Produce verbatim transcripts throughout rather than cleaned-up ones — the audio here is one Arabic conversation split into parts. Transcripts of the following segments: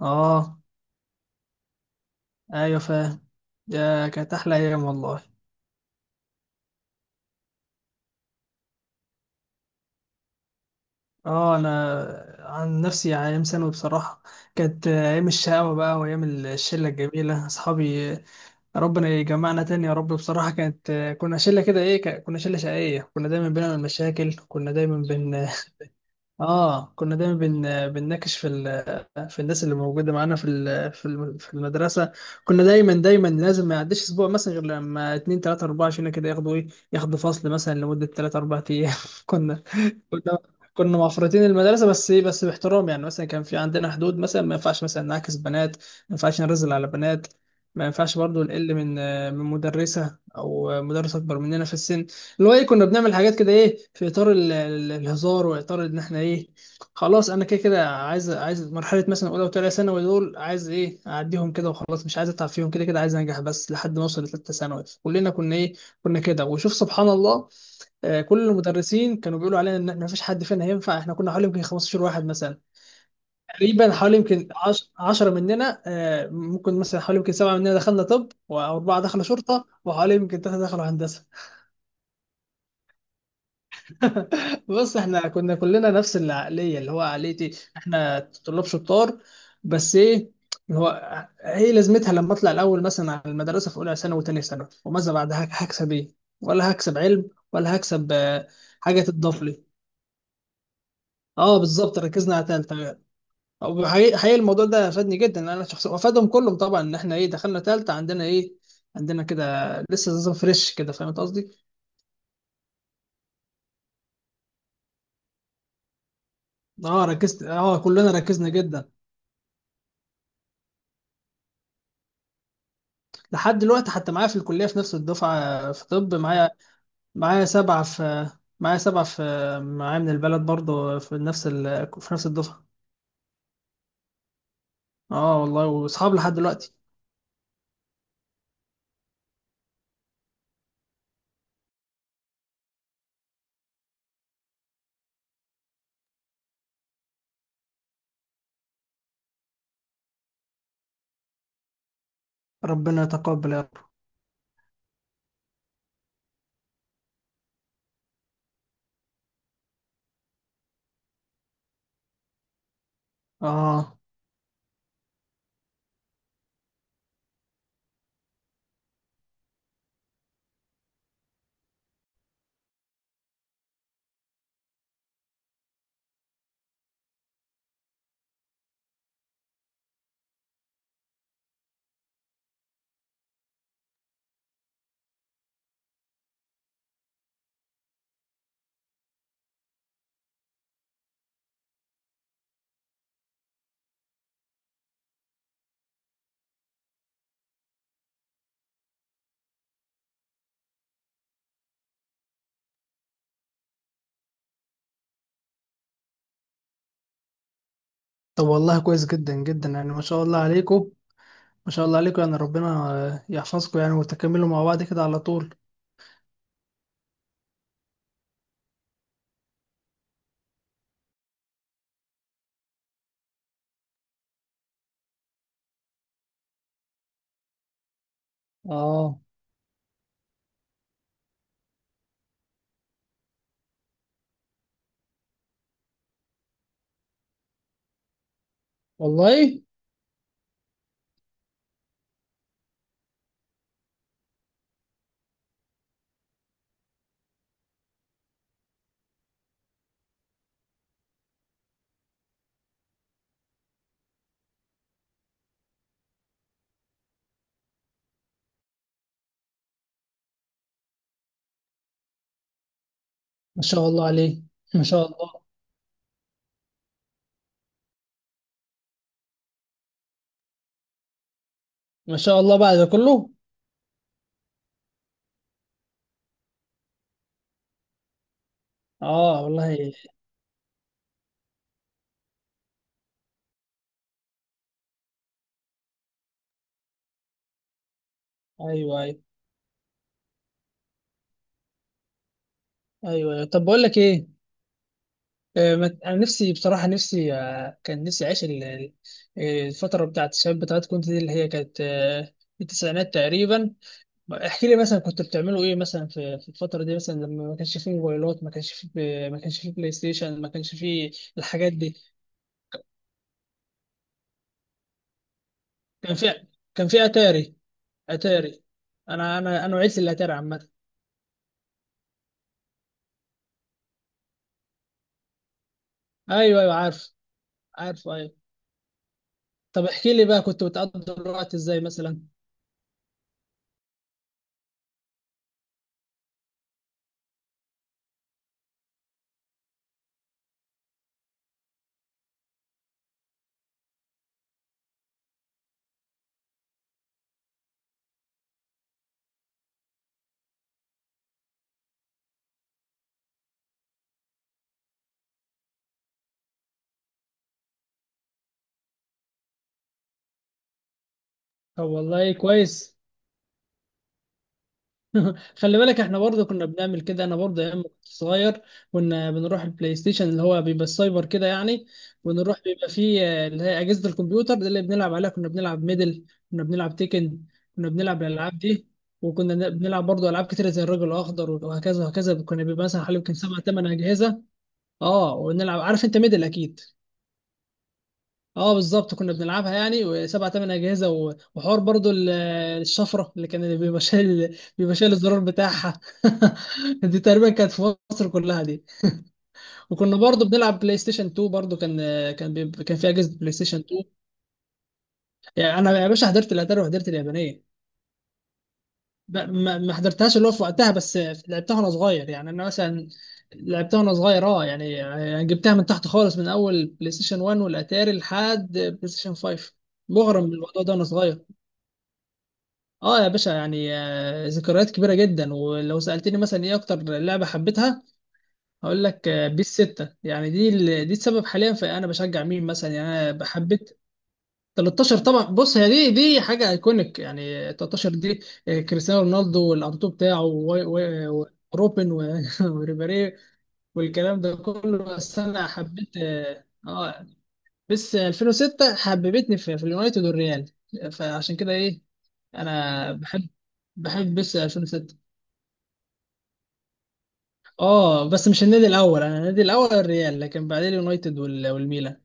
اه ايوه، فاهم. يا كانت احلى ايام والله. اه انا عن نفسي يعني ايام ثانوي بصراحه كانت ايام الشقاوه بقى وايام الشله الجميله اصحابي. ربنا يجمعنا تاني يا رب. بصراحه كانت كنا شله كده ايه، ك- كنا شله شقيه، كنا دايما بنعمل مشاكل، كنا دايما بن اه، كنا دايما بن... بنناقش في ال... في الناس اللي موجوده معانا في ال... في الم- في المدرسه. كنا دايما دايما لازم ما يعديش اسبوع مثلا غير لما اتنين تلاته اربعه عشان كده ياخدوا ايه، ياخدوا فصل مثلا لمده تلاته اربعه ايام. كنا كنا كنا مفرطين المدرسه، بس ايه، بس باحترام يعني. مثلا كان في عندنا حدود، مثلا ما ينفعش مثلا نعاكس بنات، ما ينفعش نرزل على بنات، ما ينفعش برضو نقل من آه، من مدرسه او مدرس اكبر مننا في السن. اللي هو ايه، كنا بنعمل حاجات كده، ايه، في اطار ال- ال- الهزار، واطار ان احنا ايه، خلاص، انا كده كده عايز، عايز مرحله مثلا اولى وثانيه ثانوي دول، عايز ايه، اعديهم كده وخلاص، مش عايز اتعب فيهم، كده كده عايز انجح بس لحد ما اوصل لثالثه ثانوي. كلنا كنا ايه، كنا كده. وشوف سبحان الله، آه، كل المدرسين كانوا بيقولوا علينا ان ما فيش حد فينا هينفع. احنا كنا حوالي يمكن خمسة عشر واحد مثلا، تقريبا حوالي يمكن عشرة مننا، آه، ممكن مثلا حوالي يمكن سبعه مننا دخلنا طب، واربعه دخلوا شرطه، وحوالي يمكن ثلاثه دخلوا هندسه. بص، احنا كنا كلنا نفس العقليه، اللي هو عقليتي، احنا طلاب شطار. بس ايه، اللي هو ايه لازمتها لما اطلع الاول مثلا على المدرسه في اولى ثانوي وثانيه ثانوي، وماذا بعد؟ هك- هكسب ايه؟ ولا هكسب علم، ولا هكسب آه، حاجه تضاف لي. اه، بالظبط، ركزنا على تالتة. وحقيقي- حقيقي حقيقي الموضوع ده فادني جدا، لأن انا شخصيا وفادهم كلهم طبعا. ان احنا ايه، دخلنا تالتة، عندنا ايه، عندنا كده لسه نظام فريش كده. فاهم قصدي؟ اه ركزت، اه كلنا ركزنا جدا. لحد دلوقتي حتى معايا في الكلية، في نفس الدفعة في طب، معايا. معايا سبعة في معايا سبعة في معايا من البلد برضه في نفس ال... في نفس الدفعة. اه والله، واصحاب لحد دلوقتي. ربنا يتقبل يا رب. اه، طب والله كويس جدا جدا، يعني ما شاء الله عليكم. ما شاء الله عليكم يعني، ربنا يحفظكم يعني، وتكملوا مع بعض كده على طول. اه والله. ما شاء الله عليه. ما شاء الله، ما شاء الله بعد ده كله. اه والله. ايوه ايوه، ايوه أيوة. طب، بقول لك ايه. آه، ما- انا نفسي بصراحه، نفسي آه، كان نفسي اعيش ال- ال- الفتره بتاعت الشباب، بتاعت كنت دي، اللي هي كانت آه، التسعينات تقريبا. احكي لي مثلا كنتوا بتعملوا ايه مثلا في في الفتره دي، مثلا لما ما كانش فيه موبايلات، ما كانش فيه ما كانش فيه بلاي ستيشن، ما كانش فيه الحاجات دي. كان في كان في اتاري، اتاري. انا انا انا وعيت الاتاري عامه. ايوه ايوه عارف، عارف ايوه. طب احكي لي بقى، كنت بتقضي الوقت ازاي مثلا؟ طب والله كويس. خلي بالك، احنا برضه كنا بنعمل كده، انا برضه ايام ما كنت صغير كنا بنروح البلاي ستيشن، اللي هو بيبقى السايبر كده يعني. ونروح بيبقى فيه آه، اللي هي اجهزه الكمبيوتر دي اللي بنلعب عليها. كنا بنلعب ميدل، كنا بنلعب تيكن، كنا بنلعب الالعاب دي. وكنا بنلعب برضه العاب كتيره، زي الرجل الاخضر وهكذا وهكذا. كنا بيبقى مثلا حوالي يمكن سبع ثمان اجهزه. اه، ونلعب. عارف انت ميدل اكيد. اه بالظبط، كنا بنلعبها يعني، وسبع تمن اجهزه، و- وحوار برضو ال- الشفره اللي كان، اللي بيبقى شايل، بيبقى شايل الزرار بتاعها. دي تقريبا كانت في مصر كلها دي. وكنا برضو بنلعب بلاي ستيشن تو برضو. كان كان بيب- كان في اجهزه بلاي ستيشن تو. يعني انا يا باشا حضرت الاتari وحضرت اليابانيه. ب- ما ما حضرتهاش اللي هو في وقتها بس، لعبتها وانا صغير. يعني انا مثلا لعبتها وانا صغير. اه يعني يعني جبتها من تحت خالص، من اول بلاي ستيشن ون والاتاري لحد بلاي ستيشن فايف. مغرم بالموضوع ده وانا صغير. اه يا باشا يعني، آه، ذكريات كبيره جدا. ولو سالتني مثلا ايه اكتر لعبه حبيتها، هقول لك آه، بيس ستة. يعني دي ال- دي السبب حاليا في انا بشجع مين مثلا. يعني انا حبيت تلتاشر طبعا. بص، هي دي، دي حاجه ايكونيك يعني. تلتاشر دي، آه، كريستيانو رونالدو والانطو بتاعه و- و- و- وروبن و- وريبيري والكلام ده كله. بس انا حبيت اه آه، بس ألفين وستة حببتني في, في اليونايتد والريال. فعشان كده ايه، انا بحب بحب بس ألفين وستة. اه بس مش النادي الاول، انا النادي الاول الريال، لكن بعدين اليونايتد وال- والميلان.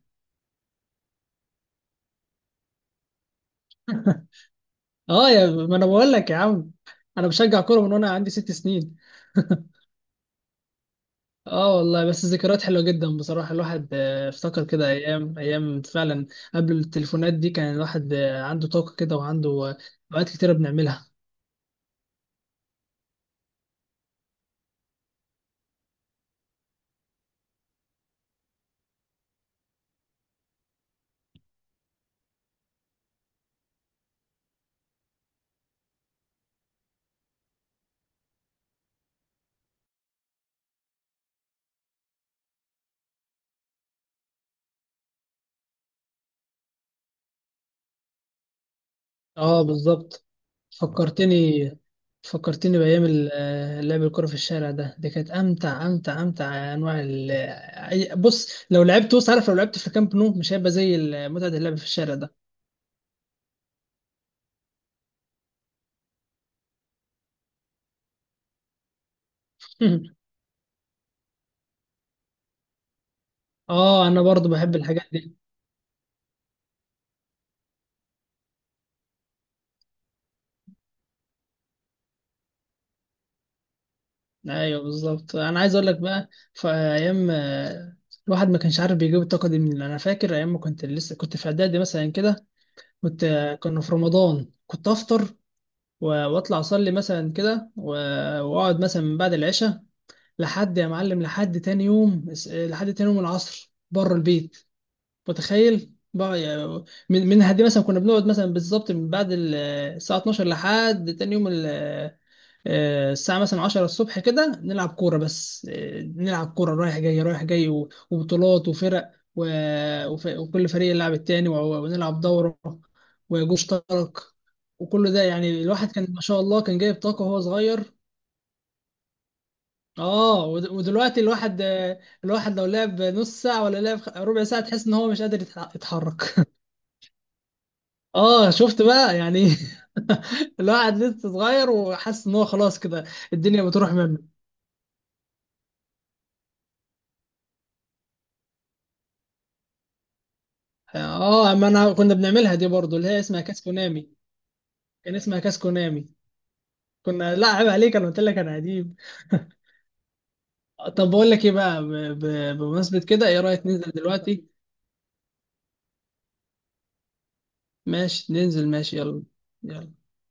اه يا ما انا بقول لك يا عم، انا بشجع كوره من وانا عندي ست سنين. اه والله، بس ذكريات حلوة جدا بصراحة. الواحد آه، افتكر كده ايام ايام فعلا قبل التليفونات دي. كان الواحد آه، عنده طاقة كده، وعنده آه، اوقات كتيرة بنعملها. اه بالظبط. فكرتني فكرتني بأيام ال- آه، لعب الكرة في الشارع ده. دي كانت أمتع أمتع أمتع أنواع ال آه، أي- بص، لو لعبت، بص عارف، لو لعبت في كامب نو مش هيبقى زي ال- متعة اللعب في الشارع ده. اه، أنا برضو بحب الحاجات دي. ايوه بالظبط، انا عايز اقول لك بقى، في ايام آه، الواحد ما كانش عارف بيجيب الطاقه دي منين. انا فاكر ايام ما كنت لسه كنت في اعدادي مثلا كده، كنت آه، كنا في رمضان كنت افطر و- واطلع اصلي مثلا كده و- واقعد مثلا من بعد العشاء لحد يا معلم لحد تاني يوم، اس- آه، لحد تاني يوم العصر بره البيت. متخيل بقى يعني، من من هدي، مثلا كنا بنقعد مثلا بالظبط من بعد ال- آه، الساعه الثانية عشرة لحد تاني يوم آه، الساعة مثلا عشرة الصبح كده، نلعب كورة بس. آه، نلعب كورة رايح جاي رايح جاي، و- وبطولات وفرق، و- وف- وكل فريق يلعب التاني، و- ونلعب دورة وجوش اشترك. وكل ده يعني، الواحد كان ما شاء الله كان جايب طاقة وهو صغير. اه ود- ودلوقتي الواحد آه، الواحد لو لعب نص ساعة ولا لعب خ- ربع ساعة، تحس ان هو مش قادر يتح- يتحرك. اه شفت بقى يعني. الواحد لسه صغير، وحاسس ان هو خلاص كده الدنيا بتروح منه. اه، اما انا كنا بنعملها دي برضو، اللي هي اسمها كاس كونامي. كان اسمها كاس كونامي. كنا، لا عيب عليك، انا قلت لك انا قديم. طب بقول لك ايه بقى، ب- ب- بمناسبة كده، ايه رأيك ننزل دلوقتي؟ ماشي، ننزل ماشي، يلا يلا.